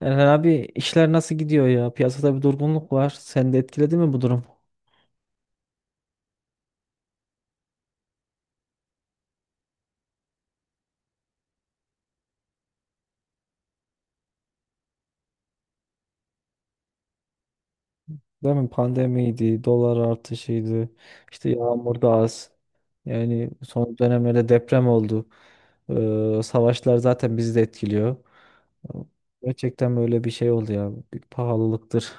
Erhan abi işler nasıl gidiyor ya? Piyasada bir durgunluk var. Seni de etkiledi mi bu durum? Değil mi? Pandemiydi, dolar artışıydı, işte yağmur da az. Yani son dönemlerde deprem oldu. Savaşlar zaten bizi de etkiliyor. Gerçekten böyle bir şey oldu ya. Bir pahalılıktır,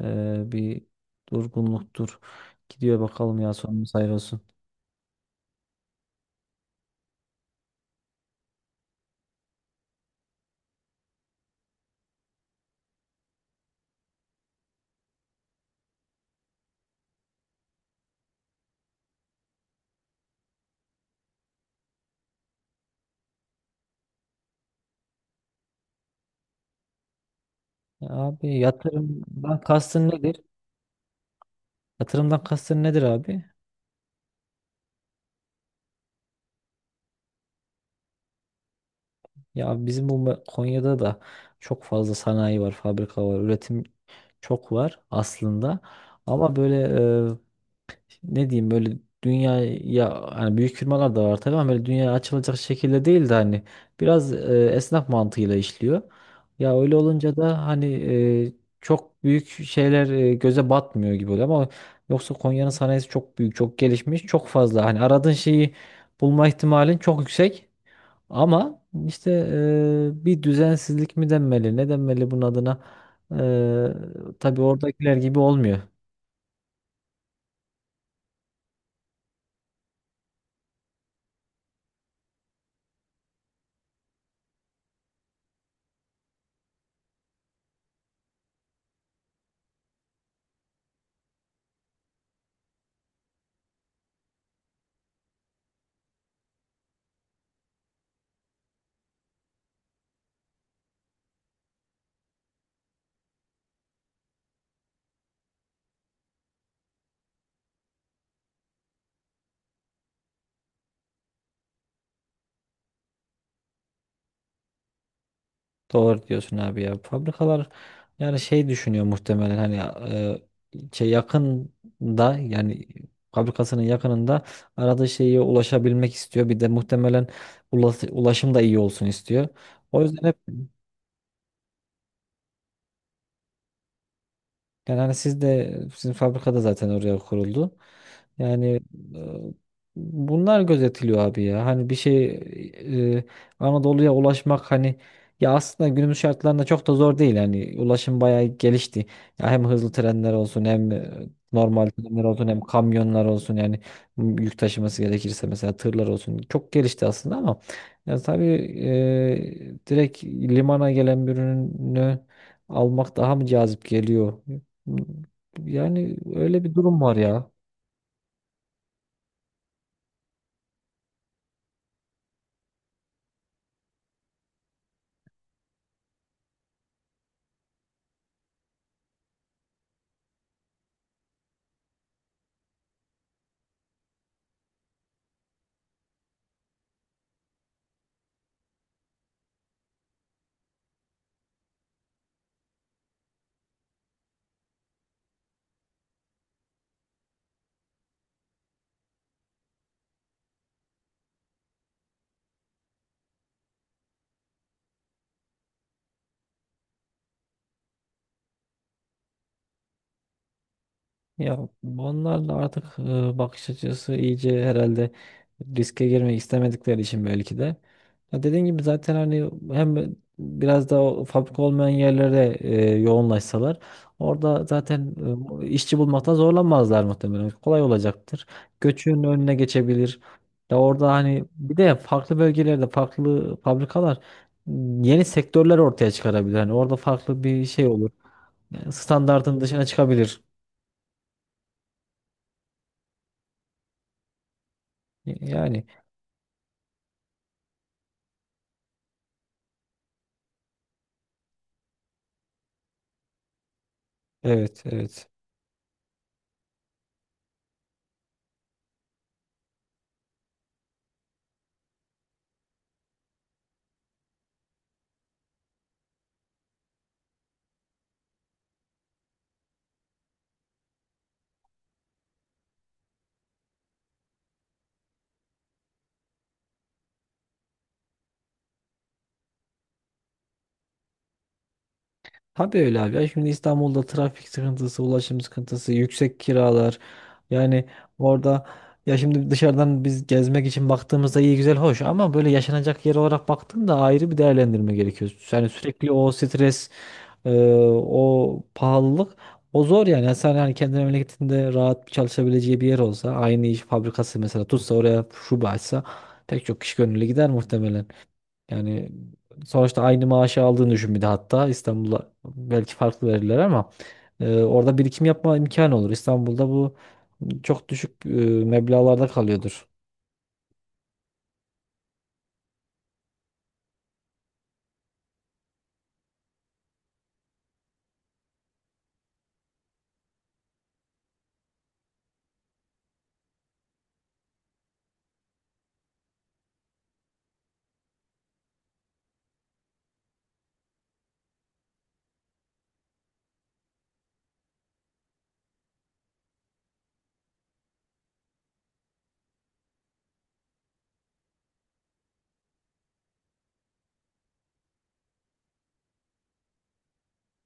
bir durgunluktur. Gidiyor bakalım ya, sonumuz hayır olsun. Abi yatırımdan kastın nedir? Yatırımdan kastın nedir abi? Ya bizim Konya'da da çok fazla sanayi var, fabrika var, üretim çok var aslında. Ama böyle e, ne diyeyim, böyle dünyaya, hani büyük firmalar da var tabii, ama böyle dünyaya açılacak şekilde değil de hani biraz esnaf mantığıyla işliyor. Ya öyle olunca da hani e, çok büyük şeyler göze batmıyor gibi oluyor, ama yoksa Konya'nın sanayisi çok büyük, çok gelişmiş, çok fazla hani aradığın şeyi bulma ihtimalin çok yüksek. Ama işte bir düzensizlik mi denmeli, ne denmeli bunun adına? Tabii oradakiler gibi olmuyor. Doğru diyorsun abi ya. Fabrikalar, yani şey düşünüyor muhtemelen, hani şey yakında, yani fabrikasının yakınında aradığı şeye ulaşabilmek istiyor. Bir de muhtemelen ulaşım da iyi olsun istiyor. O yüzden yani hani siz de, sizin fabrikada zaten oraya kuruldu. Yani e, bunlar gözetiliyor abi ya. Hani bir şey, e, Anadolu'ya ulaşmak, hani ya aslında günümüz şartlarında çok da zor değil. Hani ulaşım bayağı gelişti. Ya hem hızlı trenler olsun, hem normal trenler olsun, hem kamyonlar olsun, yani yük taşıması gerekirse mesela tırlar olsun. Çok gelişti aslında, ama yani tabii direkt limana gelen bir ürünü almak daha mı cazip geliyor? Yani öyle bir durum var ya. Ya onlarla artık bakış açısı iyice herhalde, riske girmek istemedikleri için belki de. Ya dediğin gibi zaten, hani hem biraz da o fabrika olmayan yerlere yoğunlaşsalar, orada zaten işçi bulmakta zorlanmazlar muhtemelen. Kolay olacaktır. Göçün önüne geçebilir. Ya orada hani bir de farklı bölgelerde farklı fabrikalar, yeni sektörler ortaya çıkarabilir. Hani orada farklı bir şey olur. Yani standartın dışına çıkabilir. Yani evet, evet. Tabii öyle abi. Ya şimdi İstanbul'da trafik sıkıntısı, ulaşım sıkıntısı, yüksek kiralar. Yani orada ya şimdi dışarıdan biz gezmek için baktığımızda iyi, güzel, hoş, ama böyle yaşanacak yer olarak baktığında ayrı bir değerlendirme gerekiyor. Yani sürekli o stres, e, o pahalılık, o zor yani. Yani sen hani kendi memleketinde rahat bir çalışabileceği bir yer olsa, aynı iş fabrikası mesela tutsa oraya şube açsa, pek çok kişi gönüllü gider muhtemelen. Yani sonuçta aynı maaşı aldığını düşün, bir de hatta İstanbul'a belki farklı verirler, ama orada birikim yapma imkanı olur. İstanbul'da bu çok düşük meblağlarda kalıyordur.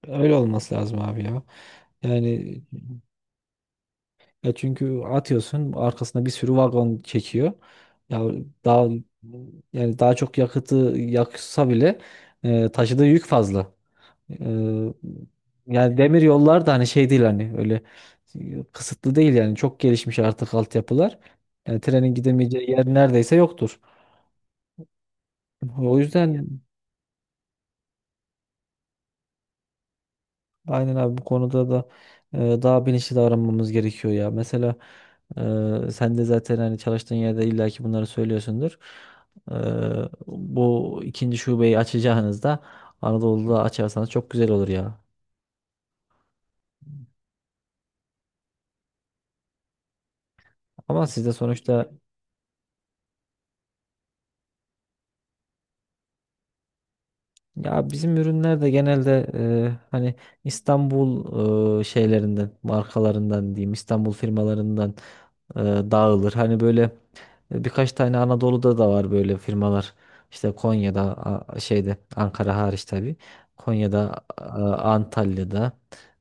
Öyle olması lazım abi ya. Yani ya çünkü atıyorsun arkasına bir sürü vagon çekiyor. Ya daha, yani daha çok yakıtı yaksa bile taşıdığı yük fazla. Eee, Yani demir yollar da hani şey değil, hani öyle kısıtlı değil, yani çok gelişmiş artık altyapılar. Yani trenin gidemeyeceği yer neredeyse yoktur. O yüzden aynen abi, bu konuda da daha bilinçli davranmamız gerekiyor ya. Mesela sen de zaten hani çalıştığın yerde illaki bunları söylüyorsundur. Eee, Bu ikinci şubeyi açacağınızda Anadolu'da açarsanız çok güzel olur ya. Ama siz de sonuçta ya bizim ürünler de genelde hani İstanbul şeylerinden, markalarından diyeyim, İstanbul firmalarından e, dağılır. Hani böyle birkaç tane Anadolu'da da var böyle firmalar. İşte Konya'da, şeyde, Ankara hariç tabii. Konya'da, Antalya'da,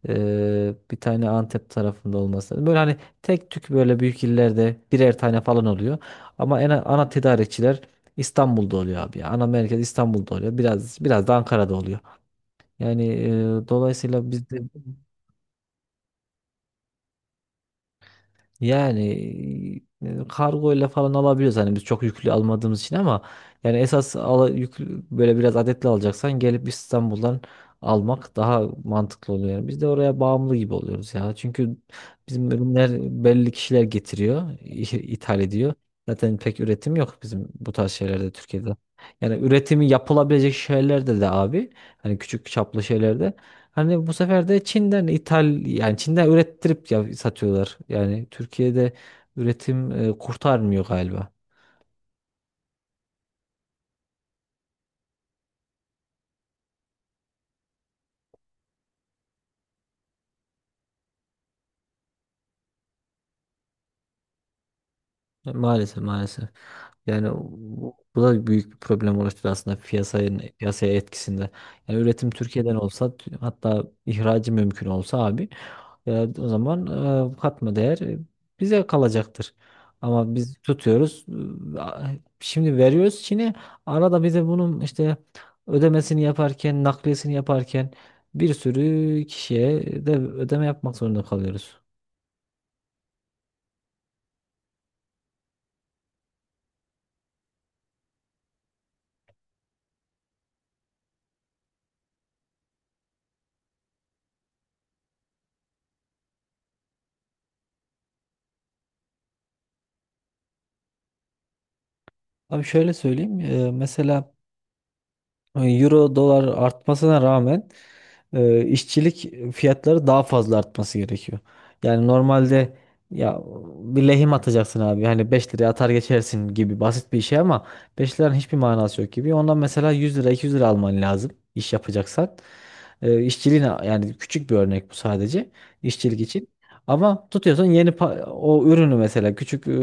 bir tane Antep tarafında olması lazım. Böyle hani tek tük böyle büyük illerde birer tane falan oluyor. Ama en ana tedarikçiler İstanbul'da oluyor abi ya. Ana merkez İstanbul'da oluyor. Biraz, biraz da Ankara'da oluyor. Yani dolayısıyla bizde, yani kargoyla falan alabiliyoruz hani biz çok yüklü almadığımız için, ama yani yüklü, böyle biraz adetli alacaksan gelip İstanbul'dan almak daha mantıklı oluyor. Yani biz de oraya bağımlı gibi oluyoruz ya. Çünkü bizim ürünler belli kişiler getiriyor, ithal ediyor. Zaten pek üretim yok bizim bu tarz şeylerde Türkiye'de. Yani üretimi yapılabilecek şeylerde de abi, hani küçük çaplı şeylerde, hani bu sefer de Çin'den ithal, yani Çin'den ürettirip ya satıyorlar. Yani Türkiye'de üretim kurtarmıyor galiba. Maalesef, maalesef. Yani bu da büyük bir problem oluşturur aslında piyasaya etkisinde. Yani üretim Türkiye'den olsa hatta ihracı mümkün olsa abi, e, o zaman katma değer bize kalacaktır. Ama biz tutuyoruz, e, a- şimdi veriyoruz Çin'e, arada bize bunun işte ödemesini yaparken, nakliyesini yaparken bir sürü kişiye de ödeme yapmak zorunda kalıyoruz. Abi şöyle söyleyeyim. Mesela Euro dolar artmasına rağmen işçilik fiyatları daha fazla artması gerekiyor. Yani normalde ya bir lehim atacaksın abi. Hani 5 liraya atar geçersin gibi basit bir şey, ama 5 liranın hiçbir manası yok gibi. Ondan mesela 100 lira 200 lira alman lazım iş yapacaksan. İşçiliğine yani küçük bir örnek bu sadece işçilik için. Ama tutuyorsun yeni o ürünü mesela küçük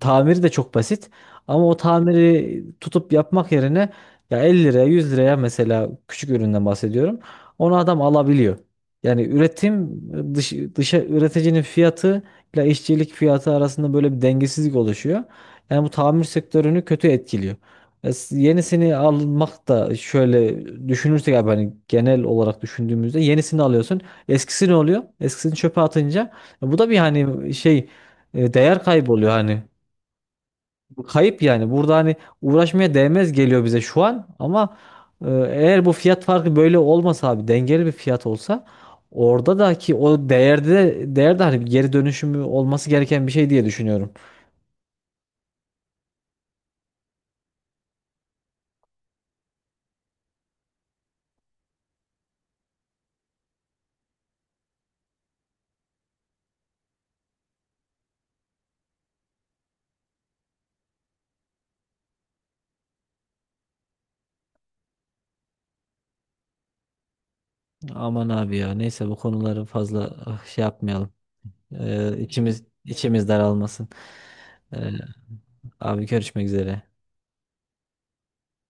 tamiri de çok basit. Ama o tamiri tutup yapmak yerine ya 50 liraya, 100 liraya, mesela küçük üründen bahsediyorum. Onu adam alabiliyor. Yani üretim dışa üreticinin fiyatı ile işçilik fiyatı arasında böyle bir dengesizlik oluşuyor. Yani bu tamir sektörünü kötü etkiliyor. Yenisini almak da, şöyle düşünürsek abi, hani genel olarak düşündüğümüzde yenisini alıyorsun. Eskisi ne oluyor? Eskisini çöpe atınca bu da bir hani şey, değer kaybı oluyor hani. Kayıp yani. Burada hani uğraşmaya değmez geliyor bize şu an, ama eğer bu fiyat farkı böyle olmasa abi, dengeli bir fiyat olsa, orada da ki o değerde, de değerde hani bir geri dönüşümü olması gereken bir şey diye düşünüyorum. Aman abi ya, neyse, bu konuları fazla şey yapmayalım. İçimiz içimiz daralmasın. E, Abi görüşmek üzere.